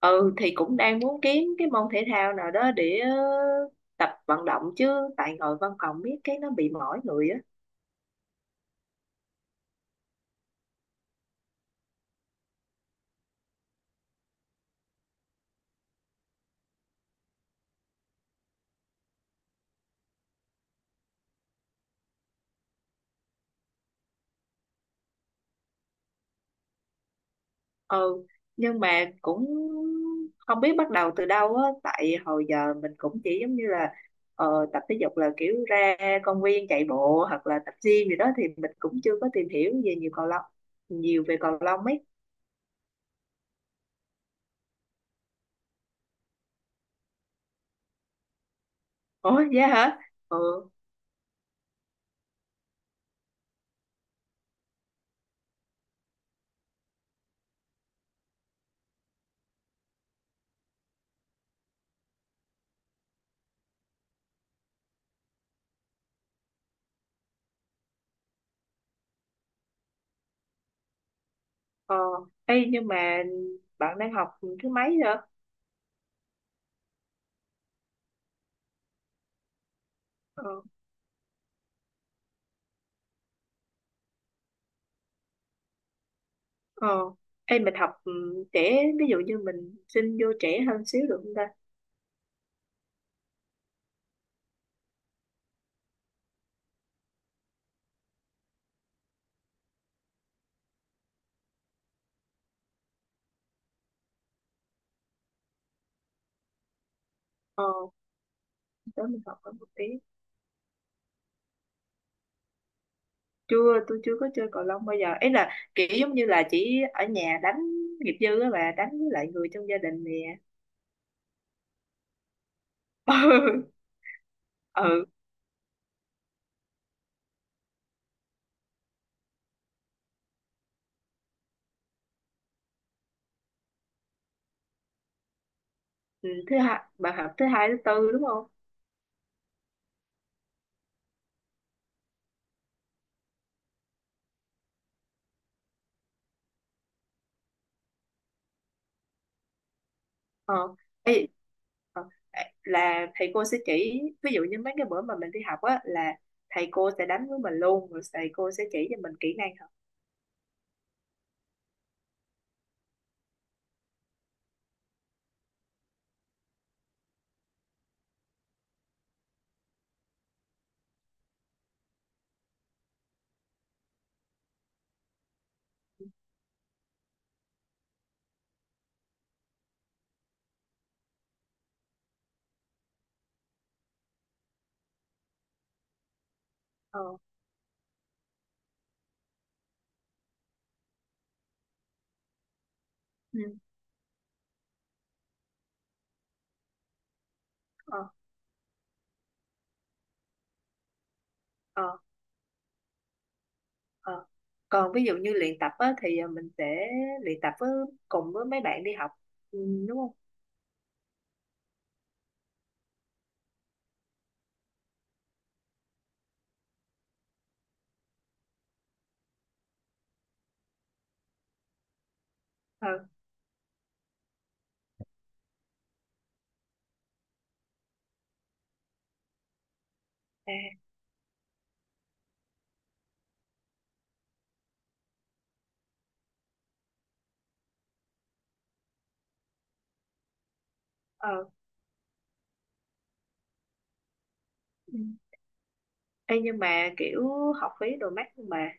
Ừ thì cũng đang muốn kiếm cái môn thể thao nào đó để tập vận động chứ, tại ngồi văn phòng biết cái nó bị mỏi người á. Ừ, nhưng mà cũng không biết bắt đầu từ đâu á, tại hồi giờ mình cũng chỉ giống như là tập thể dục là kiểu ra công viên chạy bộ hoặc là tập gym gì đó, thì mình cũng chưa có tìm hiểu về nhiều về cầu lông ấy. Ủa vậy hả? Ừ. Ờ. Ê, nhưng mà bạn đang học thứ mấy rồi? Ờ, em mình học trẻ, ví dụ như mình xin vô trẻ hơn xíu được không ta? Ờ, đó mình học hơn một tí. Chưa, tôi chưa có chơi cầu lông bao giờ. Ấy là kiểu giống như là chỉ ở nhà đánh nghiệp dư á bà, đánh với lại người trong gia đình nè. Ừ, ừ. Ừ, thứ hai, bà học thứ hai, thứ tư đúng không? Ờ. Ê, ờ, là thầy cô sẽ chỉ, ví dụ như mấy cái bữa mà mình đi học á, là thầy cô sẽ đánh với mình luôn, rồi thầy cô sẽ chỉ cho mình kỹ năng học. Ờ. Ừ. Ờ. Ờ. Ờ. Còn ví dụ như luyện tập á, thì mình sẽ luyện tập với cùng với mấy bạn đi học, ừ, đúng không? Ờ. À. Ờ. Ừ. Ê, nhưng mà kiểu học phí đồ mắc nhưng mà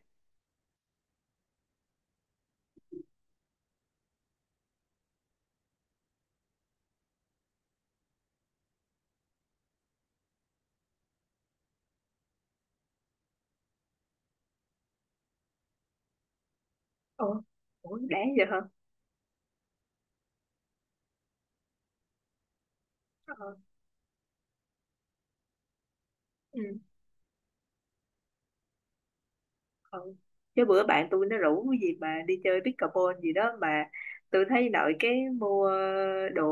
ờ, ủa đáng vậy hả? Ờ. Ừ. Ờ. Chứ bữa bạn tôi nó rủ cái gì mà đi chơi pickleball gì đó, mà tôi thấy nội cái mua đồ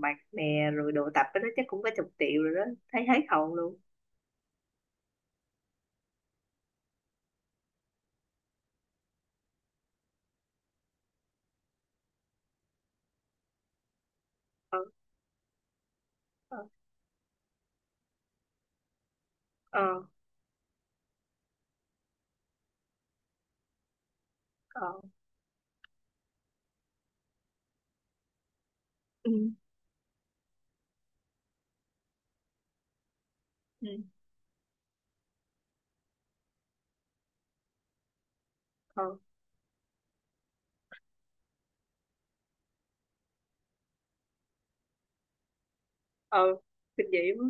mặc nè rồi đồ tập cái đó chắc cũng có chục triệu rồi đó, thấy hết hồn luôn. Ờ. Ờ. Ờ. Ờ. Ừ. Ừ. Ờ. Ờ. Kinh dị quá.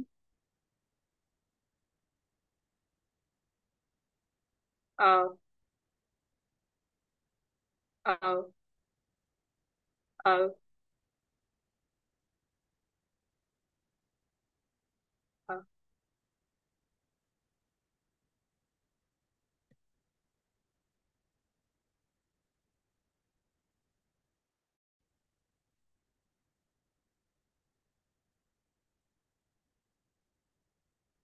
Ờ. Ờ. Ờ. Ờ.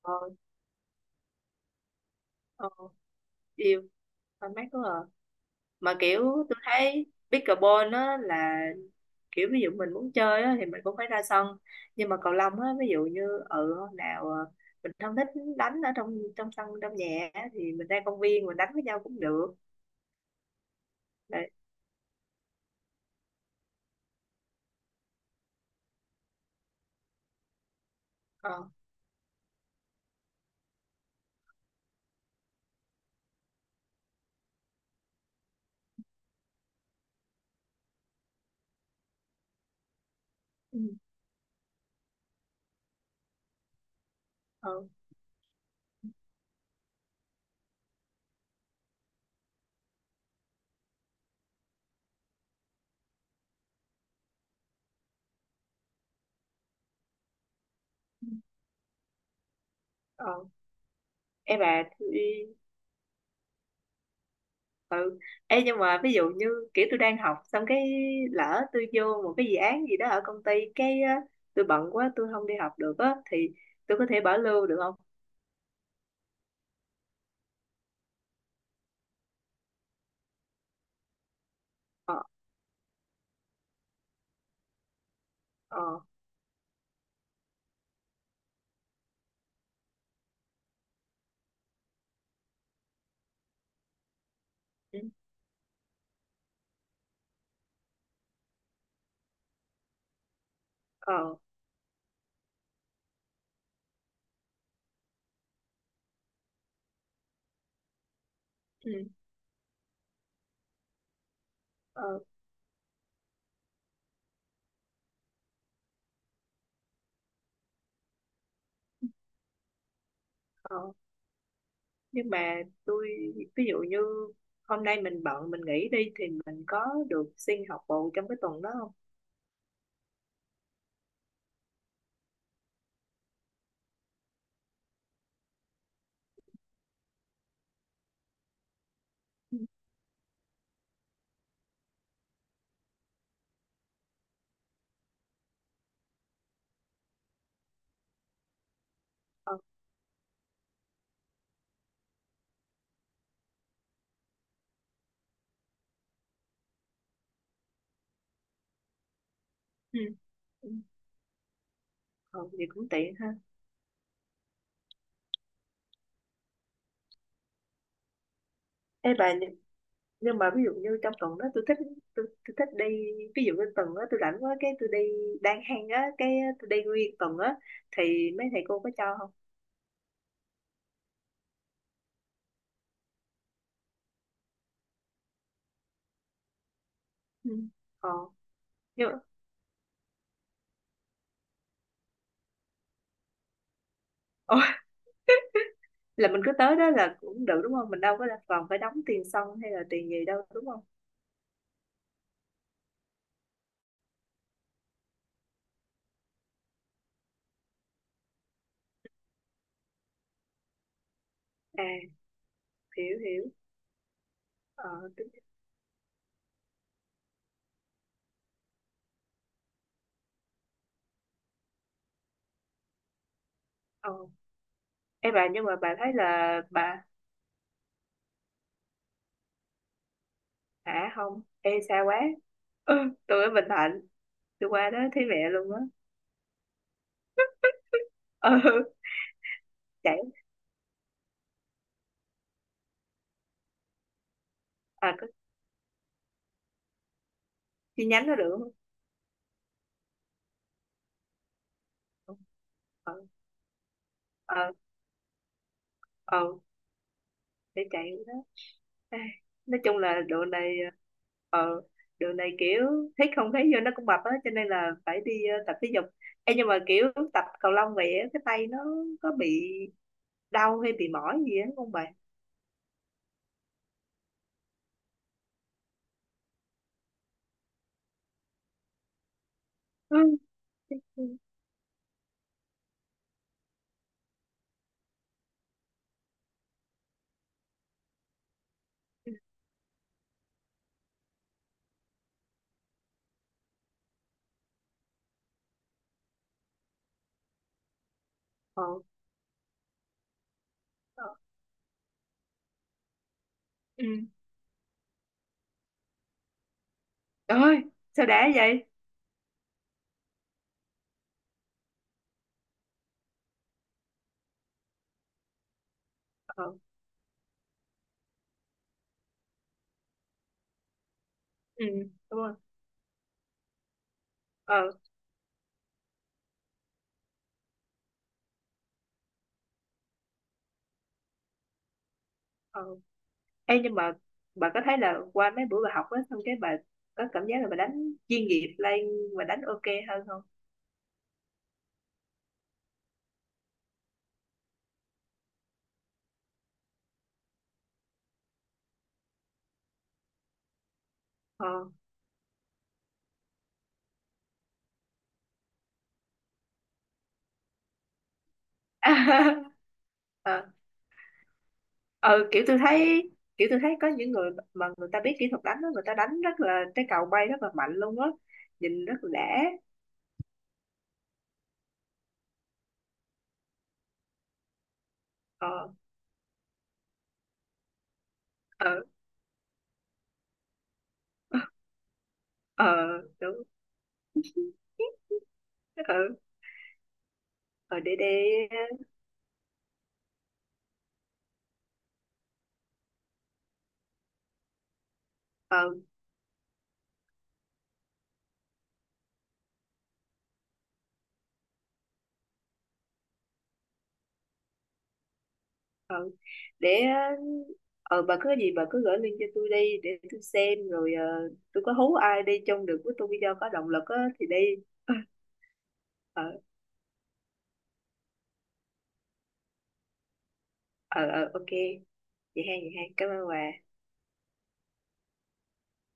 Ờ. Ờ. Yêu, tao mát quá à. Mà kiểu tôi thấy pickleball á là kiểu ví dụ mình muốn chơi á thì mình cũng phải ra sân, nhưng mà cầu lông á, ví dụ như hôm nào mình không thích đánh ở trong trong sân trong nhà á, thì mình ra công viên mình đánh với nhau cũng được. Đấy. Ờ. Ừ. Ờ. Ừ. Ờ. Em bà. Ê, nhưng mà ví dụ như kiểu tôi đang học xong cái lỡ tôi vô một cái dự án gì đó ở công ty cái á, tôi bận quá tôi không đi học được á thì tôi có thể bảo lưu được không? Ờ. Ờ. Ừ. Ờ. Ừ. Ờ. Ờ. Nhưng mà tôi, ví dụ như hôm nay mình bận mình nghỉ đi thì mình có được xin học bù trong cái tuần đó không? Ừ. Ờ. Ừ. Ừ. Ờ, vậy cũng tiện ha. Ê bà, nhưng mà ví dụ như trong tuần đó tôi thích, tôi thích đi, ví dụ như tuần đó tôi rảnh quá cái tôi đi đang hang á, cái tôi đi nguyên tuần á, thì mấy thầy cô có cho không? Ừ. Ờ. Nhưng mà, ồ, là mình cứ tới đó là cũng được đúng không, mình đâu có là còn phải đóng tiền sân hay là tiền gì đâu đúng không? À, hiểu hiểu. Ờ. tính- ờ, em bà, nhưng mà bà thấy là bà. Hả? Không. Ê, xa quá. Ừ, tôi ở Bình Thạnh. Tôi qua đó thấy mẹ luôn á. Ừ. Chạy. À, có chi nhánh đó được không? Ờ. Ờ. Ờ để chạy đó. Ai, nói chung là ờ độ này kiểu thấy không thấy vô nó cũng mập á, cho nên là phải đi tập thể dục. Ê, nhưng mà kiểu tập cầu lông vậy á, cái tay nó có bị đau hay bị mỏi gì á không bạn? Ừ. Ờ. Ờ. Ừ. Trời ơi, sao đã vậy? Ờ. Ừ. Đúng rồi. Ờ. Ờ. Ê, nhưng mà bà có thấy là qua mấy buổi bà học á xong cái bà có cảm giác là bà đánh chuyên nghiệp lên và đánh ok hơn không? Ờ. Ờ. Ờ, kiểu tôi thấy có những người mà người ta biết kỹ thuật đánh đó, người ta đánh rất là cái cầu bay rất là mạnh luôn á, nhìn rất là đã. Ờ. Ờ. Ờ đúng. Ờ. Ờ để ờ ờ để ờ bà cứ gửi link cho tôi đi để tôi xem, rồi tôi có hú ai đi chung được với tôi video có động lực á thì đi. Ờ. Ờ. Ờ. Ok, vậy hay vậy hay, cảm ơn bà.